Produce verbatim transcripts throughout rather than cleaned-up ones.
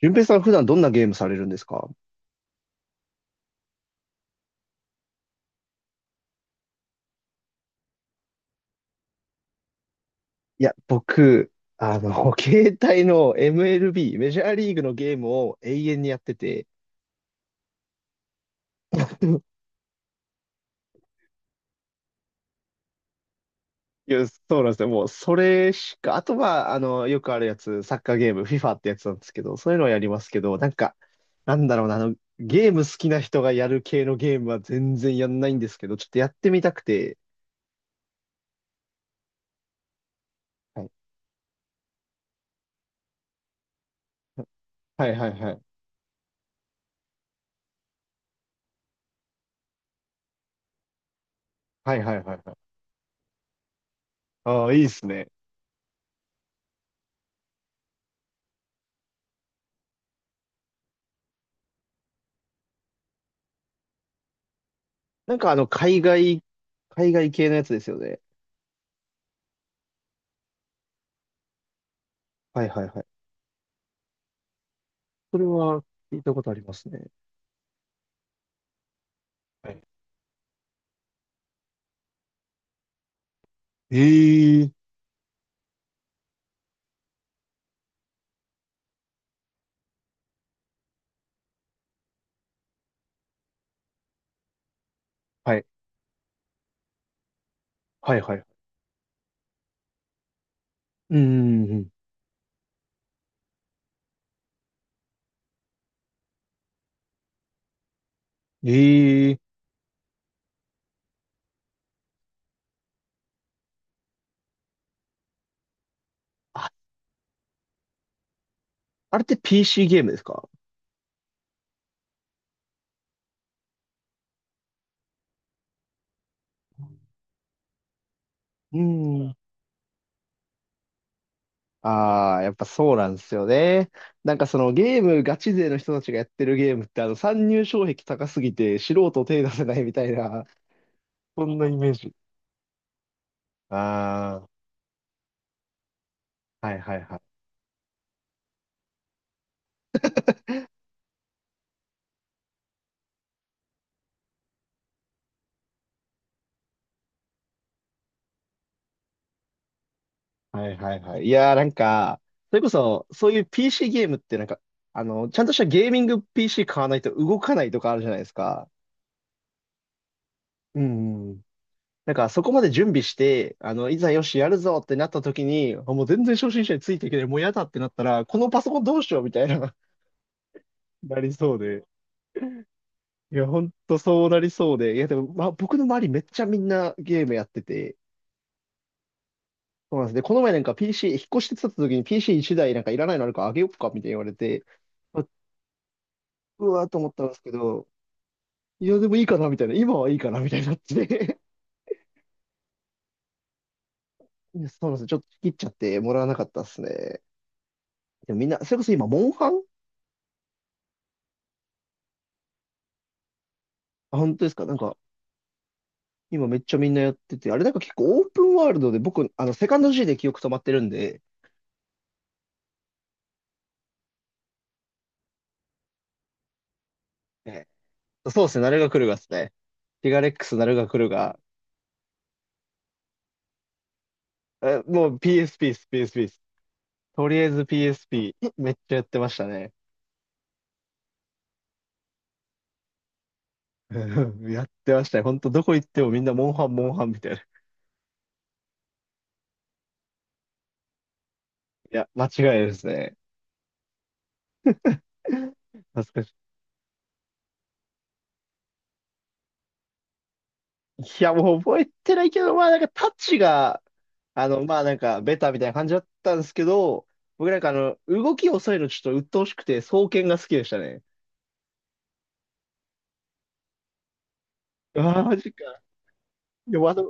順平さん普段どんなゲームされるんですか？いや、僕、あの、携帯の エムエルビー、メジャーリーグのゲームを永遠にやってて、いや、そうなんですよ。もう、それしか、あとは、あの、よくあるやつ、サッカーゲーム、FIFA ってやつなんですけど、そういうのはやりますけど、なんか、なんだろうな、あの、ゲーム好きな人がやる系のゲームは全然やんないんですけど、ちょっとやってみたくて、はいはいはいはい。はいはいはいはい。ああ、いいっすね。なんかあの、海外、海外系のやつですよね。はいはいはい。それは聞いたことありますね。はい。ええ、はい。はいはい。うんうんうん。ええ、あ、あれって ピーシー ゲームですか？うん。ああ、やっぱそうなんですよね。なんかそのゲームガチ勢の人たちがやってるゲームってあの参入障壁高すぎて素人手出せないみたいな、そんなイメージ。ああ、はいはいはい。はいはいはい。いやーなんか、それこそそういう ピーシー ゲームってなんか、あの、ちゃんとしたゲーミング ピーシー 買わないと動かないとかあるじゃないですか。うんうん。なんか、そこまで準備して、あの、いざよし、やるぞってなった時に、あもう全然初心者についていけない、もうやだってなったら、このパソコンどうしようみたいな、なりそうで。いや、ほんとそうなりそうで。いや、でも、まあ、僕の周りめっちゃみんなゲームやってて、そうなんですね。この前なんか ピーシー、引っ越してきた時に ピーシーいち 台なんかいらないのあるからあげよっかみたいに言われて、あ、うわーと思ったんですけど、いや、でもいいかなみたいな、今はいいかなみたいになって。いやそうなんですよ。ちょっと切っちゃってもらわなかったっすね。でもみんな、それこそ今、モンハン。あ、本当ですかなんか、今めっちゃみんなやってて、あれなんか結構オープンワールドで僕、あの、セカンド G で記憶止まってるんで、ええ、そうですね、ナルが来るがですね。ティガレックス、ナルが来るが、えもう ピーエスピー です、ピーエス s p です。とりあえず ピーエスピー、めっちゃやってましたね。やってましたね。ほんと、どこ行ってもみんなモンハン、モンハンみたいな。いや、間違いないですね。懐かしい。いや、もう覚えてないけど、まあなんかタッチが、あの、まあなんかベタみたいな感じだったんですけど、僕なんかあの、動き遅いのちょっと鬱陶しくて、双剣が好きでしたね。ああ、マジか。いや、わざ、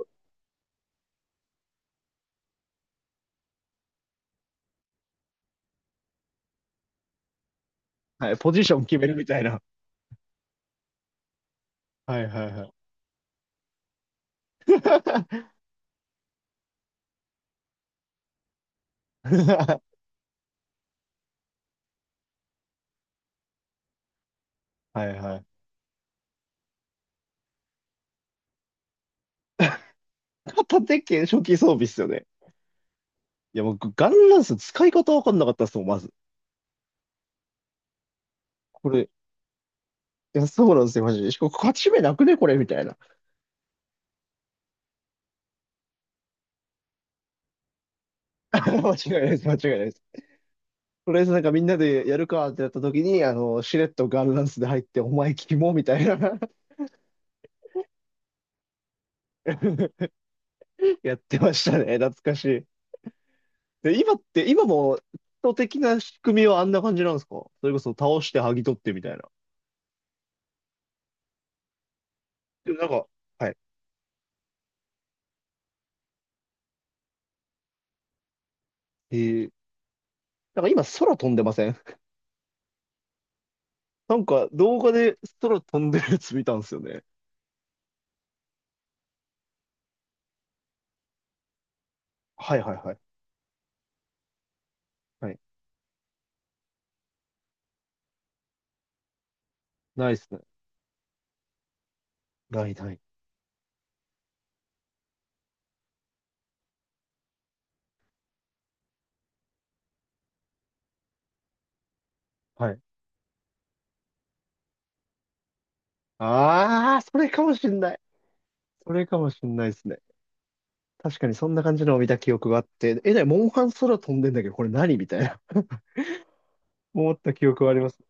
はい、ポジション決めるみたいな。はいはいはい。はいはい。片手剣初期装備っすよね。いや、僕、ガンランス使い方わかんなかったっすもん、まず。これ。いや、そうなんですよ、マジで。しかも、勝ち目なくね、これ、みたいな。間違いないです、間違いないです。とりあえずなんかみんなでやるかってなった時に、あの、しれっとガールダンスで入って、お前キモみたいな。 やってましたね。懐かしい。で、今って、今も、人的な仕組みはあんな感じなんですか？それこそ倒して剥ぎ取ってみたいな。でもなんか、はい。えー、なんか今空飛んでません？なんか動画で空飛んでるやつ見たんですよね。はいはいはい。はい。ないっすね。ないない。はい。ああ、それかもしんない。それかもしんないですね。確かにそんな感じのを見た記憶があって、え、だモンハン空飛んでんだけど、これ何みたいな 思った記憶はあります。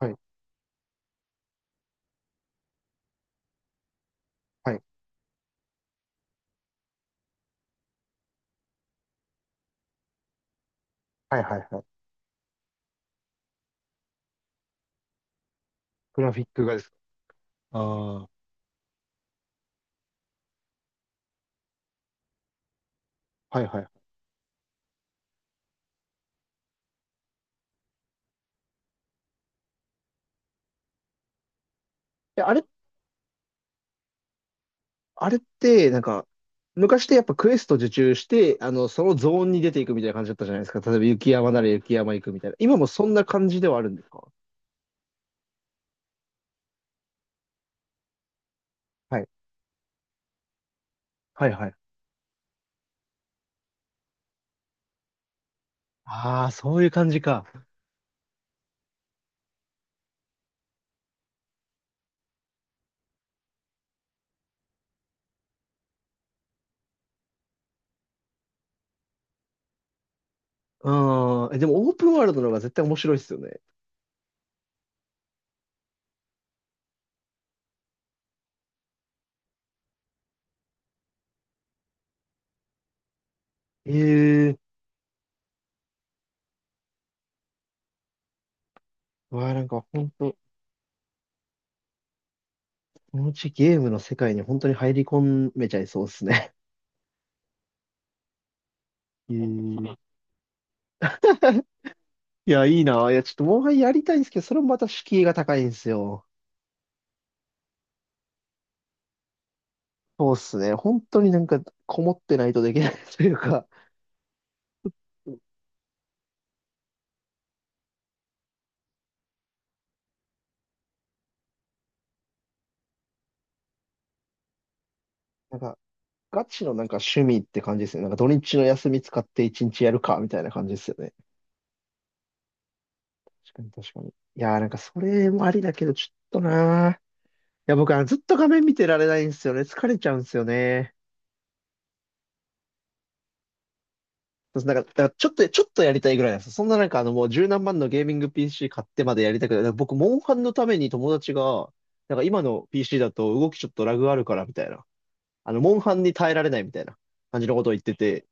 はい、はい、はい、はい、はい。グラフィックがですか？ああ。はい、はい。え、あれ、あれって、なんか、昔ってやっぱクエスト受注して、あの、そのゾーンに出ていくみたいな感じだったじゃないですか。例えば雪山なら雪山行くみたいな。今もそんな感じではあるんですか？はい、はい、はい。ああ、そういう感じか。うーん。え、でもオープンワールドの方が絶対面白いですよね。ええーわあ、なんか本当このうちゲームの世界に本当に入り込めちゃいそうですね。えー、いや、いいな。いや、ちょっともう一回やりたいんですけど、それもまた敷居が高いんですよ。そうっすね。本当になんか、こもってないとできない というか、なんか、ガチのなんか趣味って感じですね。なんか土日の休み使って一日やるか、みたいな感じですよね。確かに確かに。いやーなんかそれもありだけど、ちょっとなー。いや、僕はずっと画面見てられないんですよね。疲れちゃうんですよね。そうなんか、だからちょっと、ちょっとやりたいぐらいなんですよ。そんななんかあのもう十何万のゲーミング ピーシー 買ってまでやりたくない。だから僕、モンハンのために友達が、なんか今の ピーシー だと動きちょっとラグあるからみたいな。あの、モンハンに耐えられないみたいな感じのことを言ってて。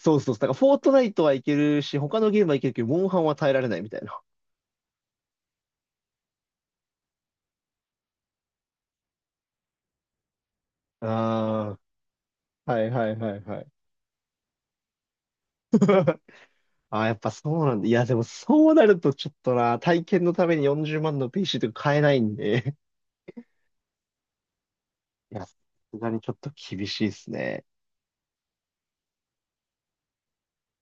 そうそうそう。だからフォートナイトはいけるし、他のゲームはいけるけど、モンハンは耐えられないみたいな。ああ、はいはいはいはい。あ。ああやっぱそうなんだ。いや、でもそうなるとちょっとな、体験のためによんじゅうまんの ピーシー とか買えないんで。いや、さすがにちょっと厳しいですね。